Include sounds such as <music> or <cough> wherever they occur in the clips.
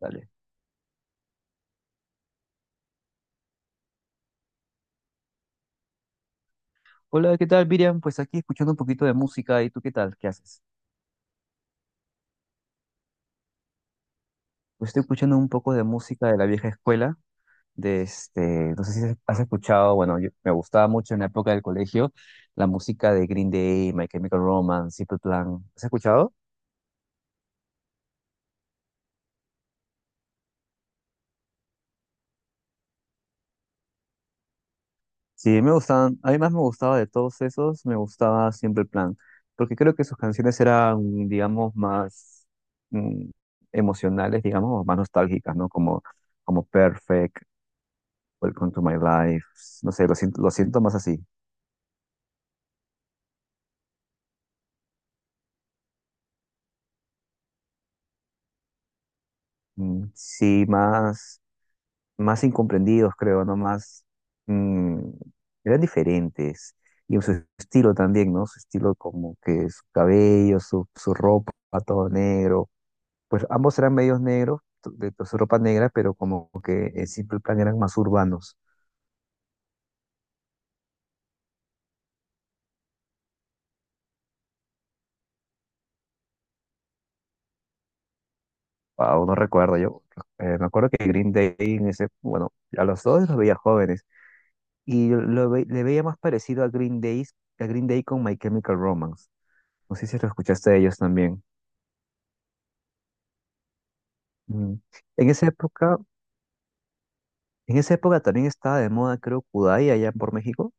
Dale. Hola, ¿qué tal, Miriam? Pues aquí escuchando un poquito de música. ¿Y tú qué tal? ¿Qué haces? Pues estoy escuchando un poco de música de la vieja escuela. De este, no sé si has escuchado, bueno, me gustaba mucho en la época del colegio la música de Green Day, My Chemical Romance, Simple Plan. ¿Has escuchado? Sí, me gustaban, a mí más me gustaba de todos esos, me gustaba Simple Plan, porque creo que sus canciones eran, digamos, más mm, emocionales, digamos, o más nostálgicas, ¿no? Como Perfect Welcome to my life. No sé, lo siento más así. Mm, sí, más incomprendidos, creo, ¿no? Más, mm, eran diferentes. Y en su estilo también, ¿no? Su estilo como que su cabello, su ropa, todo negro. Pues ambos eran medios negros, de su ropa negra, pero como que en Simple Plan eran más urbanos. Wow, no recuerdo yo. Me acuerdo que Green Day en ese, bueno, a los dos los veía jóvenes. Y yo le veía más parecido a Green Day con My Chemical Romance. No sé si lo escuchaste de ellos también. Mm. En esa época, en esa época también estaba de moda, creo, Kudai allá por México.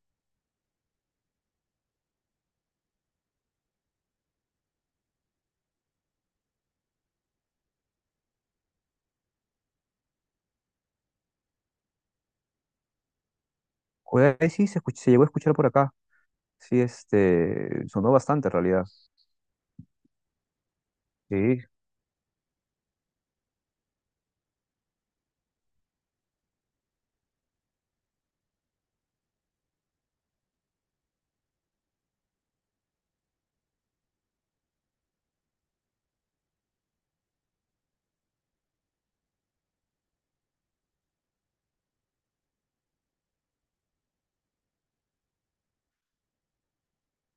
Kudai sí se llegó a escuchar por acá. Sí, sonó bastante en realidad. Sí.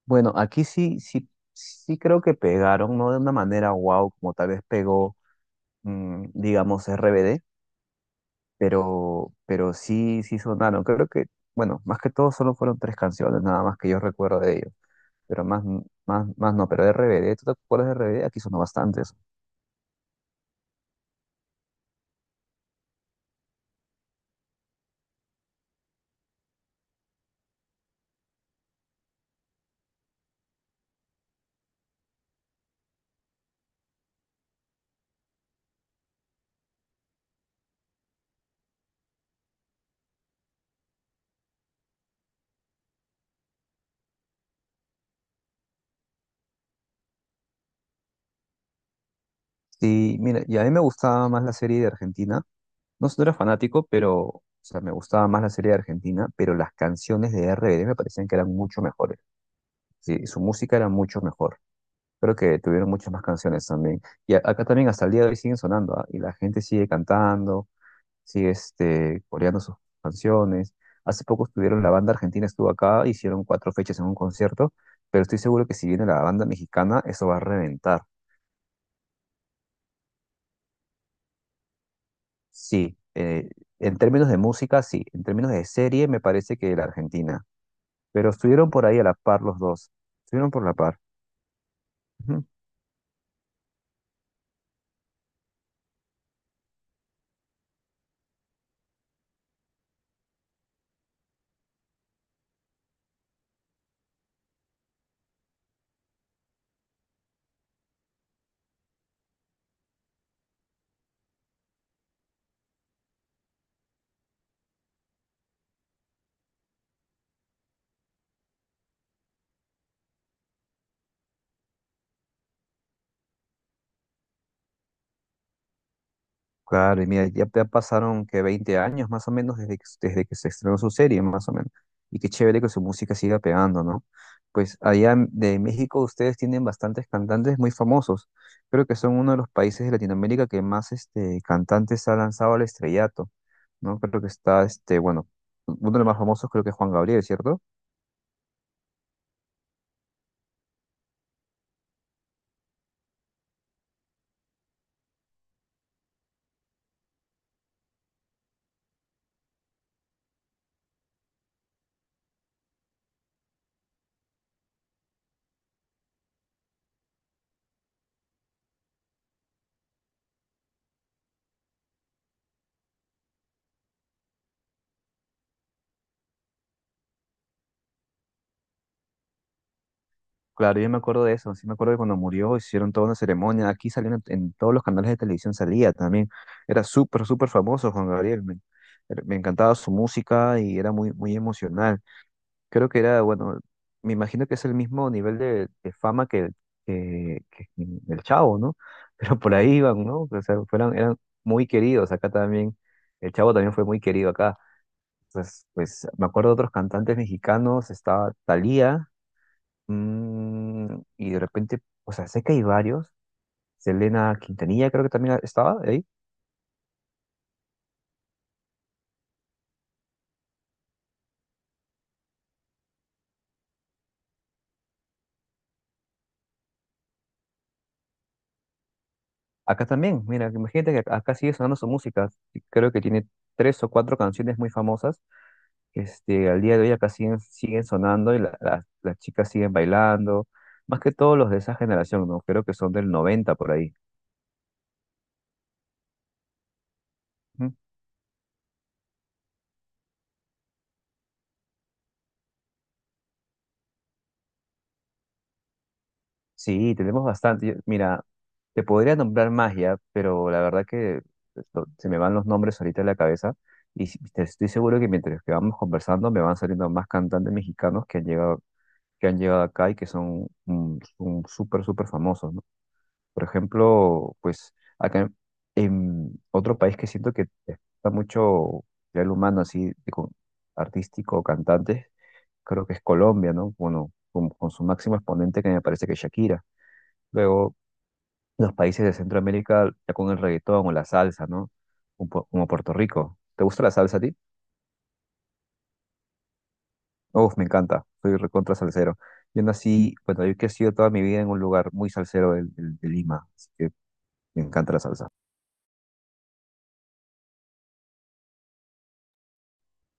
Bueno, aquí sí, sí, sí creo que pegaron, no de una manera wow, como tal vez pegó, digamos, RBD, pero sí, sí sonaron. Creo que, bueno, más que todo solo fueron tres canciones, nada más que yo recuerdo de ellos, pero más no, pero de RBD, ¿tú te acuerdas de RBD? Aquí sonó bastantes. Sí, mira, y a mí me gustaba más la serie de Argentina, no, no era fanático, pero, o sea, me gustaba más la serie de Argentina, pero las canciones de RBD me parecían que eran mucho mejores, sí, su música era mucho mejor. Creo que tuvieron muchas más canciones también. Y acá también hasta el día de hoy siguen sonando, ¿ah? Y la gente sigue cantando. Sí, coreando sus canciones. Hace poco estuvieron, la banda argentina estuvo acá, hicieron cuatro fechas en un concierto, pero estoy seguro que si viene la banda mexicana, eso va a reventar. Sí, en términos de música, sí, en términos de serie, me parece que la Argentina, pero estuvieron por ahí a la par los dos, estuvieron por la par. Claro, y mira, ya pasaron que 20 años más o menos desde que, se estrenó su serie, más o menos. Y qué chévere que su música siga pegando, ¿no? Pues allá de México ustedes tienen bastantes cantantes muy famosos. Creo que son uno de los países de Latinoamérica que más cantantes ha lanzado al estrellato, ¿no? Creo que uno de los más famosos creo que es Juan Gabriel, ¿cierto? Claro, yo me acuerdo de eso, sí me acuerdo que cuando murió hicieron toda una ceremonia, aquí salían en todos los canales de televisión salía también, era súper, súper famoso Juan Gabriel, me encantaba su música y era muy, muy emocional, creo que era, bueno, me imagino que es el mismo nivel de fama que el Chavo, ¿no? <laughs> Pero por ahí iban, ¿no? O sea, fueron, eran muy queridos, acá también, el Chavo también fue muy querido acá, pues, pues me acuerdo de otros cantantes mexicanos, estaba Thalía. Y de repente, o sea, sé que hay varios. Selena Quintanilla creo que también estaba ahí. Acá también, mira, imagínate que acá sigue sonando su música. Creo que tiene tres o cuatro canciones muy famosas. Al día de hoy acá siguen sonando y las chicas siguen bailando. Más que todos los de esa generación, ¿no? Creo que son del 90 por ahí. Sí, tenemos bastante. Mira, te podría nombrar magia, pero la verdad que se me van los nombres ahorita en la cabeza y estoy seguro que mientras que vamos conversando me van saliendo más cantantes mexicanos que han llegado acá y que son súper, súper famosos, ¿no? Por ejemplo, pues acá en otro país que siento que está mucho ya el humano así, artístico, cantantes, creo que es Colombia, ¿no? Bueno, con su máximo exponente que me parece que es Shakira. Luego los países de Centroamérica ya con el reggaetón o la salsa, ¿no? Como Puerto Rico. ¿Te gusta la salsa a ti? Uf, me encanta. Soy recontra salsero. Yo nací, bueno, yo he crecido toda mi vida en un lugar muy salsero de Lima, así que me encanta la salsa.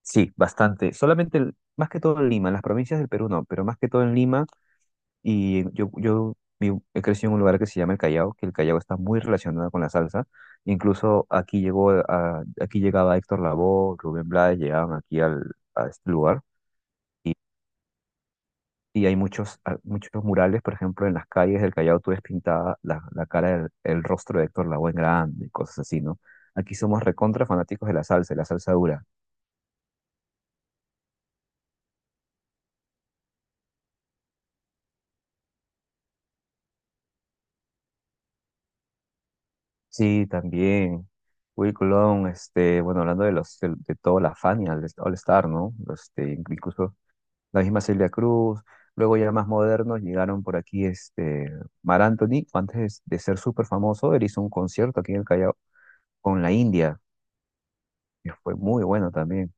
Sí, bastante. Solamente, más que todo en Lima, en las provincias del Perú no, pero más que todo en Lima. Y yo he crecido en un lugar que se llama el Callao, que el Callao está muy relacionado con la salsa. Incluso aquí llegaba Héctor Lavoe, Rubén Blades, llegaban aquí al, a este lugar. Y, y hay muchos, muchos murales, por ejemplo, en las calles del Callao tú ves pintada la cara, el rostro de Héctor Lavoe en grande y cosas así, ¿no? Aquí somos recontra fanáticos de la salsa dura. Sí, también. Will Colón, bueno, hablando de toda la Fania, el All Star, ¿no? Incluso la misma Celia Cruz. Luego ya más modernos llegaron por aquí, Mar Anthony, antes de ser súper famoso, él hizo un concierto aquí en el Callao con la India, que fue muy bueno también.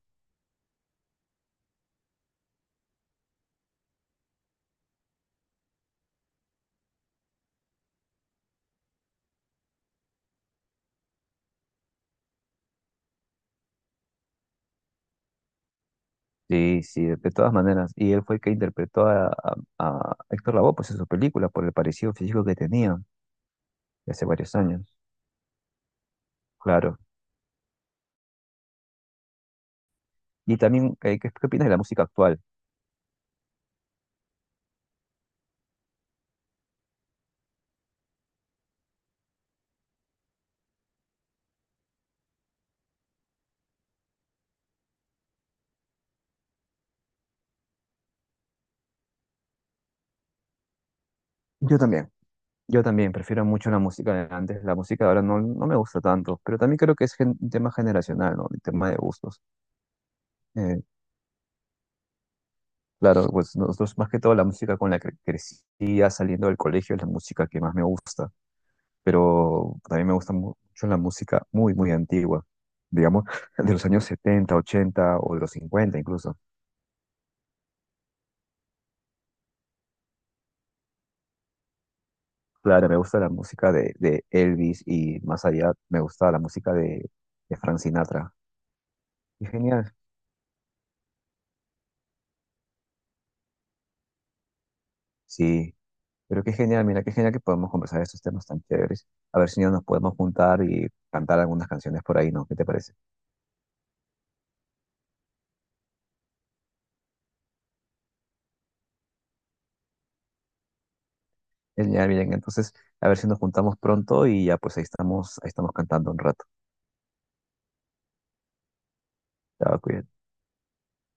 Sí, sí, de todas maneras. Y él fue el que interpretó a Héctor Lavoe pues, en su película por el parecido físico que tenía hace varios años. Claro. Y también, ¿qué opinas de la música actual? Yo también. Yo también prefiero mucho la música de antes. La música de ahora no, no me gusta tanto, pero también creo que es un tema generacional, ¿no? Un tema de gustos. Eh, claro, pues nosotros más que todo la música con la que crecía saliendo del colegio es la música que más me gusta. Pero también me gusta mucho la música muy, muy antigua, digamos, <laughs> de los años 70 80 o de los 50 incluso. Claro, me gusta la música de Elvis y más allá me gusta la música de Frank Sinatra. Qué genial. Sí, pero qué genial, mira, qué genial que podemos conversar de estos temas tan chéveres. A ver si ya nos podemos juntar y cantar algunas canciones por ahí, ¿no? ¿Qué te parece? Genial, bien, entonces, a ver si nos juntamos pronto y ya pues ahí estamos cantando un rato. Chao, cuídate.